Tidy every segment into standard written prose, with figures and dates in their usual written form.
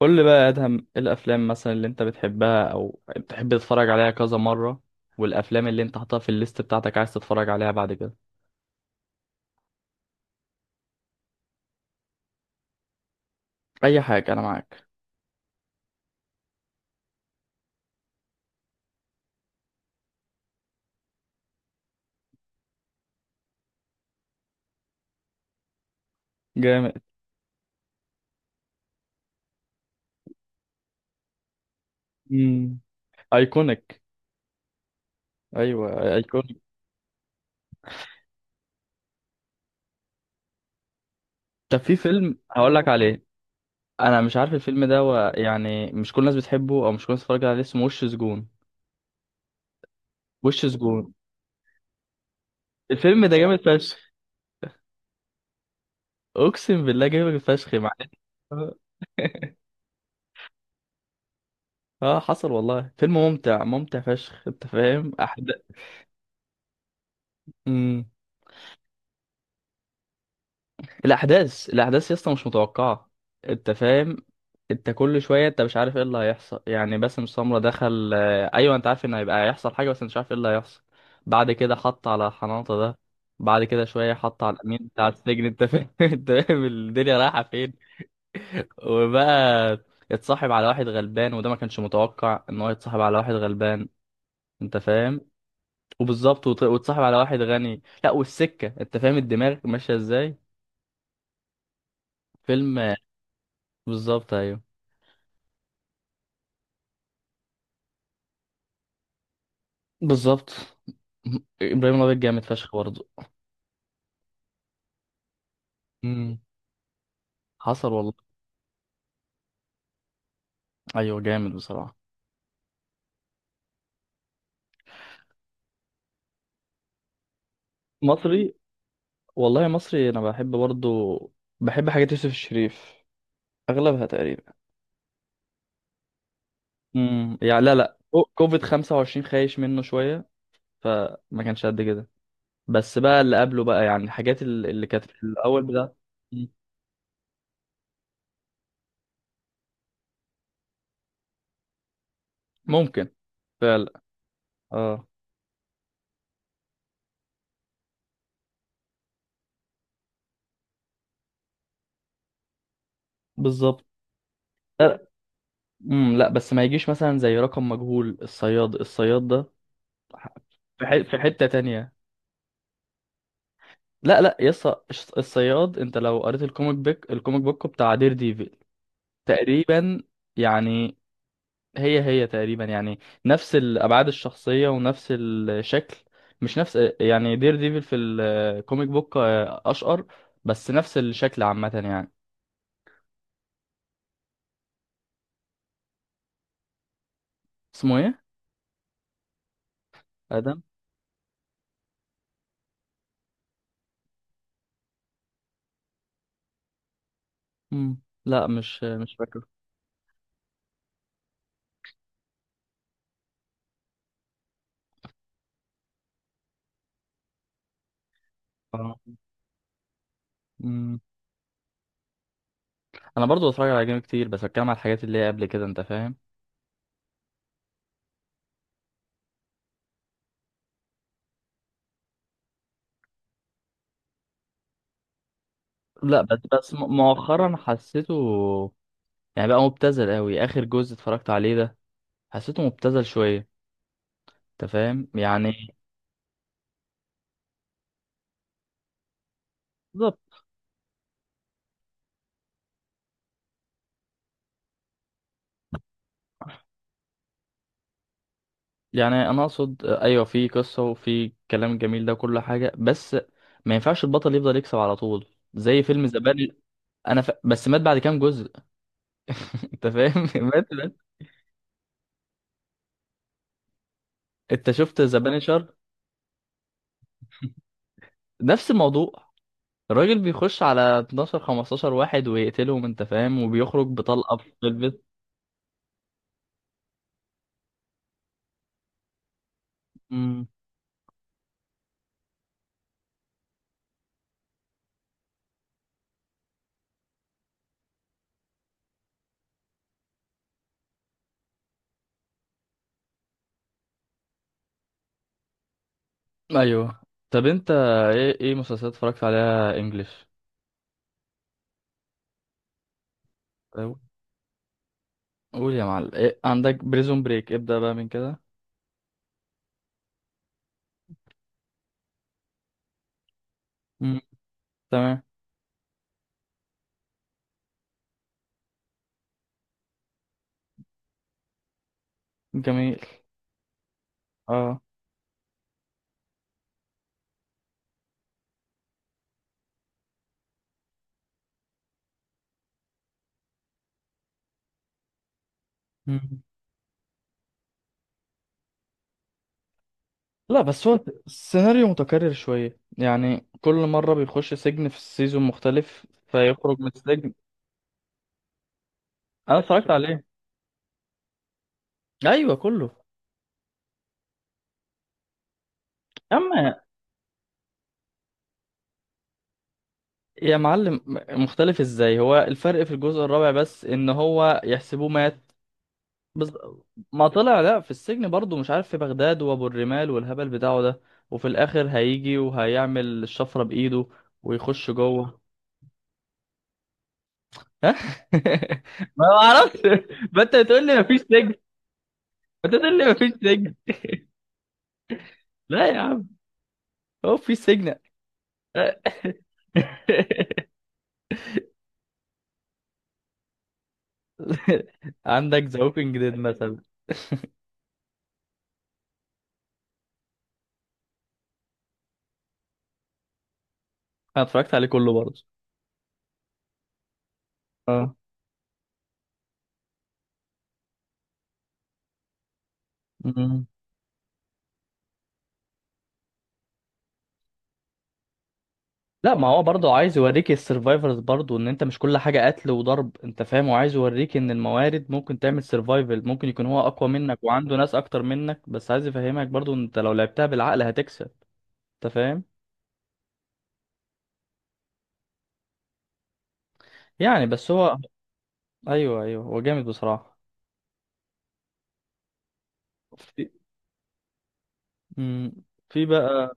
قول لي بقى يا ادهم، ايه الافلام مثلا اللي انت بتحبها او بتحب تتفرج عليها كذا مره، والافلام اللي انت حاططها في الليست بتاعتك عايز تتفرج عليها بعد كده؟ اي حاجه، انا معاك. جامد. امم ايكونيك. ايوه، ايكونيك. طب في فيلم هقول لك عليه، انا مش عارف الفيلم ده يعني مش كل الناس بتحبه او مش كل الناس بتتفرج عليه، اسمه وش سجون. وش سجون. الفيلم ده جامد فشخ. اقسم بالله جامد فشخ، معلش. اه، حصل والله، فيلم ممتع ممتع فشخ، انت فاهم احداث. امم الاحداث يا اسطى مش متوقعه، انت فاهم. انت كل شويه انت مش عارف ايه اللي هيحصل، يعني باسم سمره دخل ايوه، انت عارف ان هيبقى هيحصل حاجه بس مش عارف ايه اللي هيحصل. بعد كده حط على حناطه ده، بعد كده شويه حط على الامين بتاع السجن، انت فاهم؟ انت فاهم الدنيا رايحه فين. وبقى اتصاحب على واحد غلبان، وده ما كانش متوقع ان هو يتصاحب على واحد غلبان، انت فاهم. وبالظبط وتصاحب على واحد غني، لا، والسكه، انت فاهم الدماغ ماشيه ازاي. فيلم بالظبط، ايوه. بالظبط، ابراهيم الابيض جامد فشخ برضه. امم حصل والله. ايوه، جامد بصراحه. مصري، والله مصري انا بحب برضه. بحب حاجات يوسف الشريف، اغلبها تقريبا. يعني لا لا، كوفيد 25 خايش منه شويه، فما كانش قد كده. بس بقى اللي قبله بقى، يعني الحاجات اللي كانت في الاول بتاع. مم. ممكن. فعلا. اه، بالظبط. لا. لا، بس ما يجيش مثلا زي رقم مجهول، الصياد، الصياد ده. ح- في حته تانية. لا لا يس. الصياد، انت لو قريت الكوميك بيك، الكوميك بوك بتاع دير ديفل، تقريبا يعني. هي تقريبا يعني، نفس الابعاد الشخصيه ونفس الشكل. مش نفس، يعني دير ديفل في الكوميك بوك اشقر، بس نفس الشكل عامه يعني. اسمه ايه؟ ادم. لا، مش فاكره. آه. مم. انا برضو بتفرج على جيم كتير، بس بتكلم على الحاجات اللي هي قبل كده، انت فاهم. لا، مؤخرا حسيته، يعني بقى مبتذل قوي اخر جزء اتفرجت عليه ده، حسيته مبتذل شويه، انت فاهم يعني. بالظبط. يعني انا اقصد ايوه، في قصه وفي كلام جميل ده، كل حاجه، بس ما ينفعش البطل يفضل يكسب على طول، زي فيلم ذا بان. بس مات بعد كام جزء. انت فاهم مات مات. انت شفت ذا بانشر؟ نفس الموضوع. الراجل بيخش على 12 15 واحد ويقتلهم، انت فاهم، وبيخرج بطلقه في البيت. أمم، ايوه. طب انت ايه مسلسلات اتفرجت عليها انجلش؟ قول يا معلم، إيه عندك؟ بريزون بريك، ابدأ بقى من كده. مم. تمام. جميل. اه. مم. لا بس هو السيناريو متكرر شوية، يعني كل مرة بيخش سجن في السيزون مختلف فيخرج من السجن. انا اتفرجت عليه. ايوه كله. اما يا معلم، مختلف ازاي؟ هو الفرق في الجزء الرابع بس ان هو يحسبوه مات. بز... ما طلع لا في السجن برضه، مش عارف في بغداد وابو الرمال والهبل بتاعه ده، وفي الاخر هيجي وهيعمل الشفرة بايده ويخش جوه. ها؟ ما اعرفش. ما انت بتقول لي مفيش سجن ما انت بتقول لي مفيش سجن. لا يا عم، هو في سجن. عندك ذا ووكينج ديد مثلا. انا اتفرجت عليه كله برضه. اه. لا ما هو برضه عايز يوريك السرفايفرز برضه ان انت مش كل حاجه قتل وضرب، انت فاهم، وعايز يوريك ان الموارد ممكن تعمل سرفايفل، ممكن يكون هو اقوى منك وعنده ناس اكتر منك، بس عايز يفهمك برضه ان انت لو لعبتها بالعقل هتكسب. انت فاهم يعني. بس هو. ايوه ايوه، هو جامد بصراحه. في. مم. في بقى.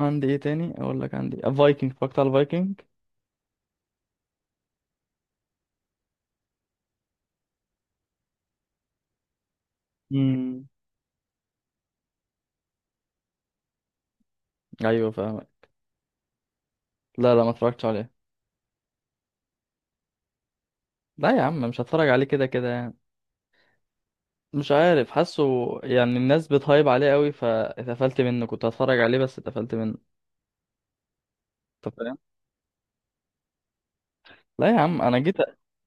عندي ايه تاني، اقول لك عندي فايكنج، اتفرجت على الفايكنج. امم ايوه، فاهمك. لا لا، ما اتفرجتش عليه. لا يا عم، مش هتفرج عليه كده كده يعني. مش عارف، حاسه يعني الناس بتهايب عليه قوي فاتقفلت منه، كنت هتفرج عليه بس اتقفلت منه. انت فاهم. لا يا عم، انا جيت،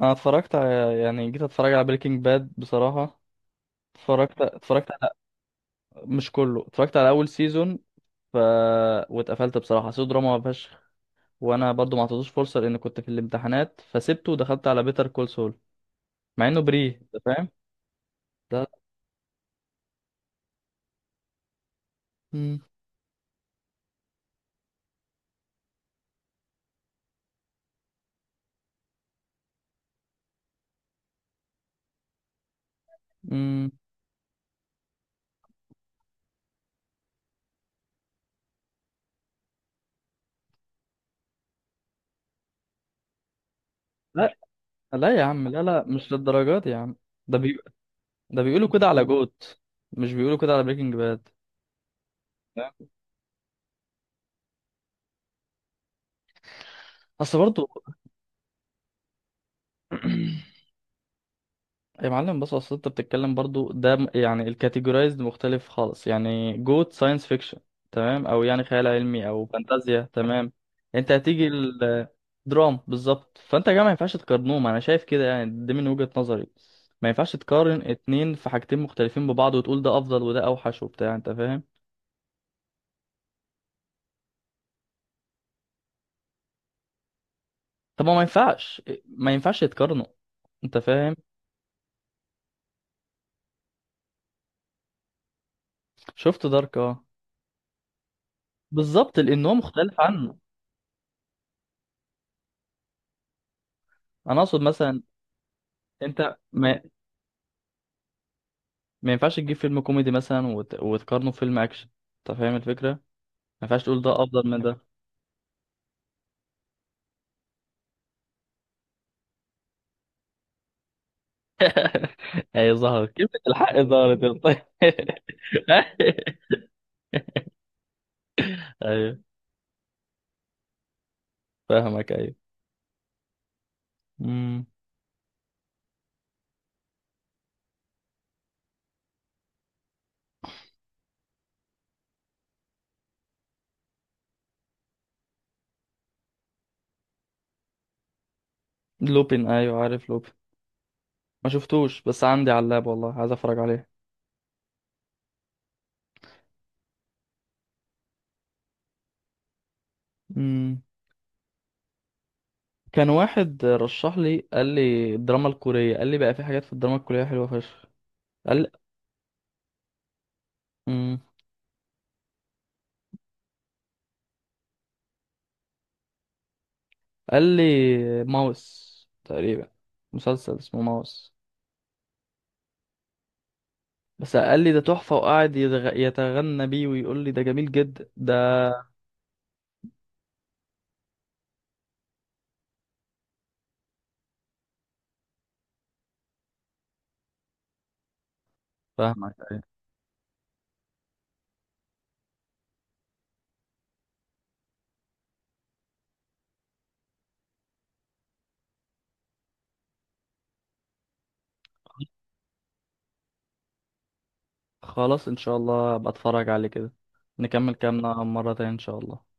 انا اتفرجت على، يعني جيت اتفرج على بريكنج باد بصراحة. اتفرجت اتفرجت على، مش كله، اتفرجت على اول سيزون، ف، واتقفلت بصراحة، حسيته دراما فشخ، وانا برضو ما اعطيتوش فرصة لان كنت في الامتحانات، فسبته ودخلت على بيتر كول سول، مع انه بري، انت فاهم. لا. مم. مم. لا لا يا عم، لا لا، مش للدرجات يا عم. ده ده بيقولوا كده على جوت، مش بيقولوا كده على بريكنج باد. لا. اصل برضو. يا معلم بص، اصل انت بتتكلم برضو ده يعني الكاتيجورايزد مختلف خالص، يعني جوت ساينس فيكشن، تمام، او يعني خيال علمي او فانتازيا، تمام. انت هتيجي الدراما بالظبط، فانت يا جماعه ما ينفعش تقارنهم، انا شايف كده يعني، دي من وجهة نظري. ما ينفعش تقارن اتنين في حاجتين مختلفين ببعض وتقول ده افضل وده اوحش وبتاع، انت فاهم. طب ما ما ينفعش ما ينفعش يتقارنوا، انت فاهم. شفت دارك، اه. بالظبط، لان هو مختلف عنه. انا اقصد مثلا، انت ما, ما ينفعش تجيب فيلم كوميدي مثلا وتقارنه بفيلم اكشن، انت فاهم الفكره، ما ينفعش تقول ده افضل من ده. هي ظهرت كلمه الحق، ظهرت يا اسطى. ايوه، فاهمك. ايوه. امم لوبين، ايوه عارف لوبين. ما شفتوش، بس عندي على اللاب والله، عايز اتفرج عليه. امم كان واحد رشح لي، قال لي الدراما الكوريه، قال لي بقى في حاجات في الدراما الكوريه حلوه فشخ. قال لي، قال لي ماوس تقريبا، مسلسل اسمه ماوس. بس قال لي ده تحفة، وقعد يتغنى بيه ويقول لي ده جميل جدا ده. فاهمك، أيوة. خلاص ان شاء الله، ابقى اتفرج عليه كده. نكمل كلامنا مرة تانية ان شاء الله.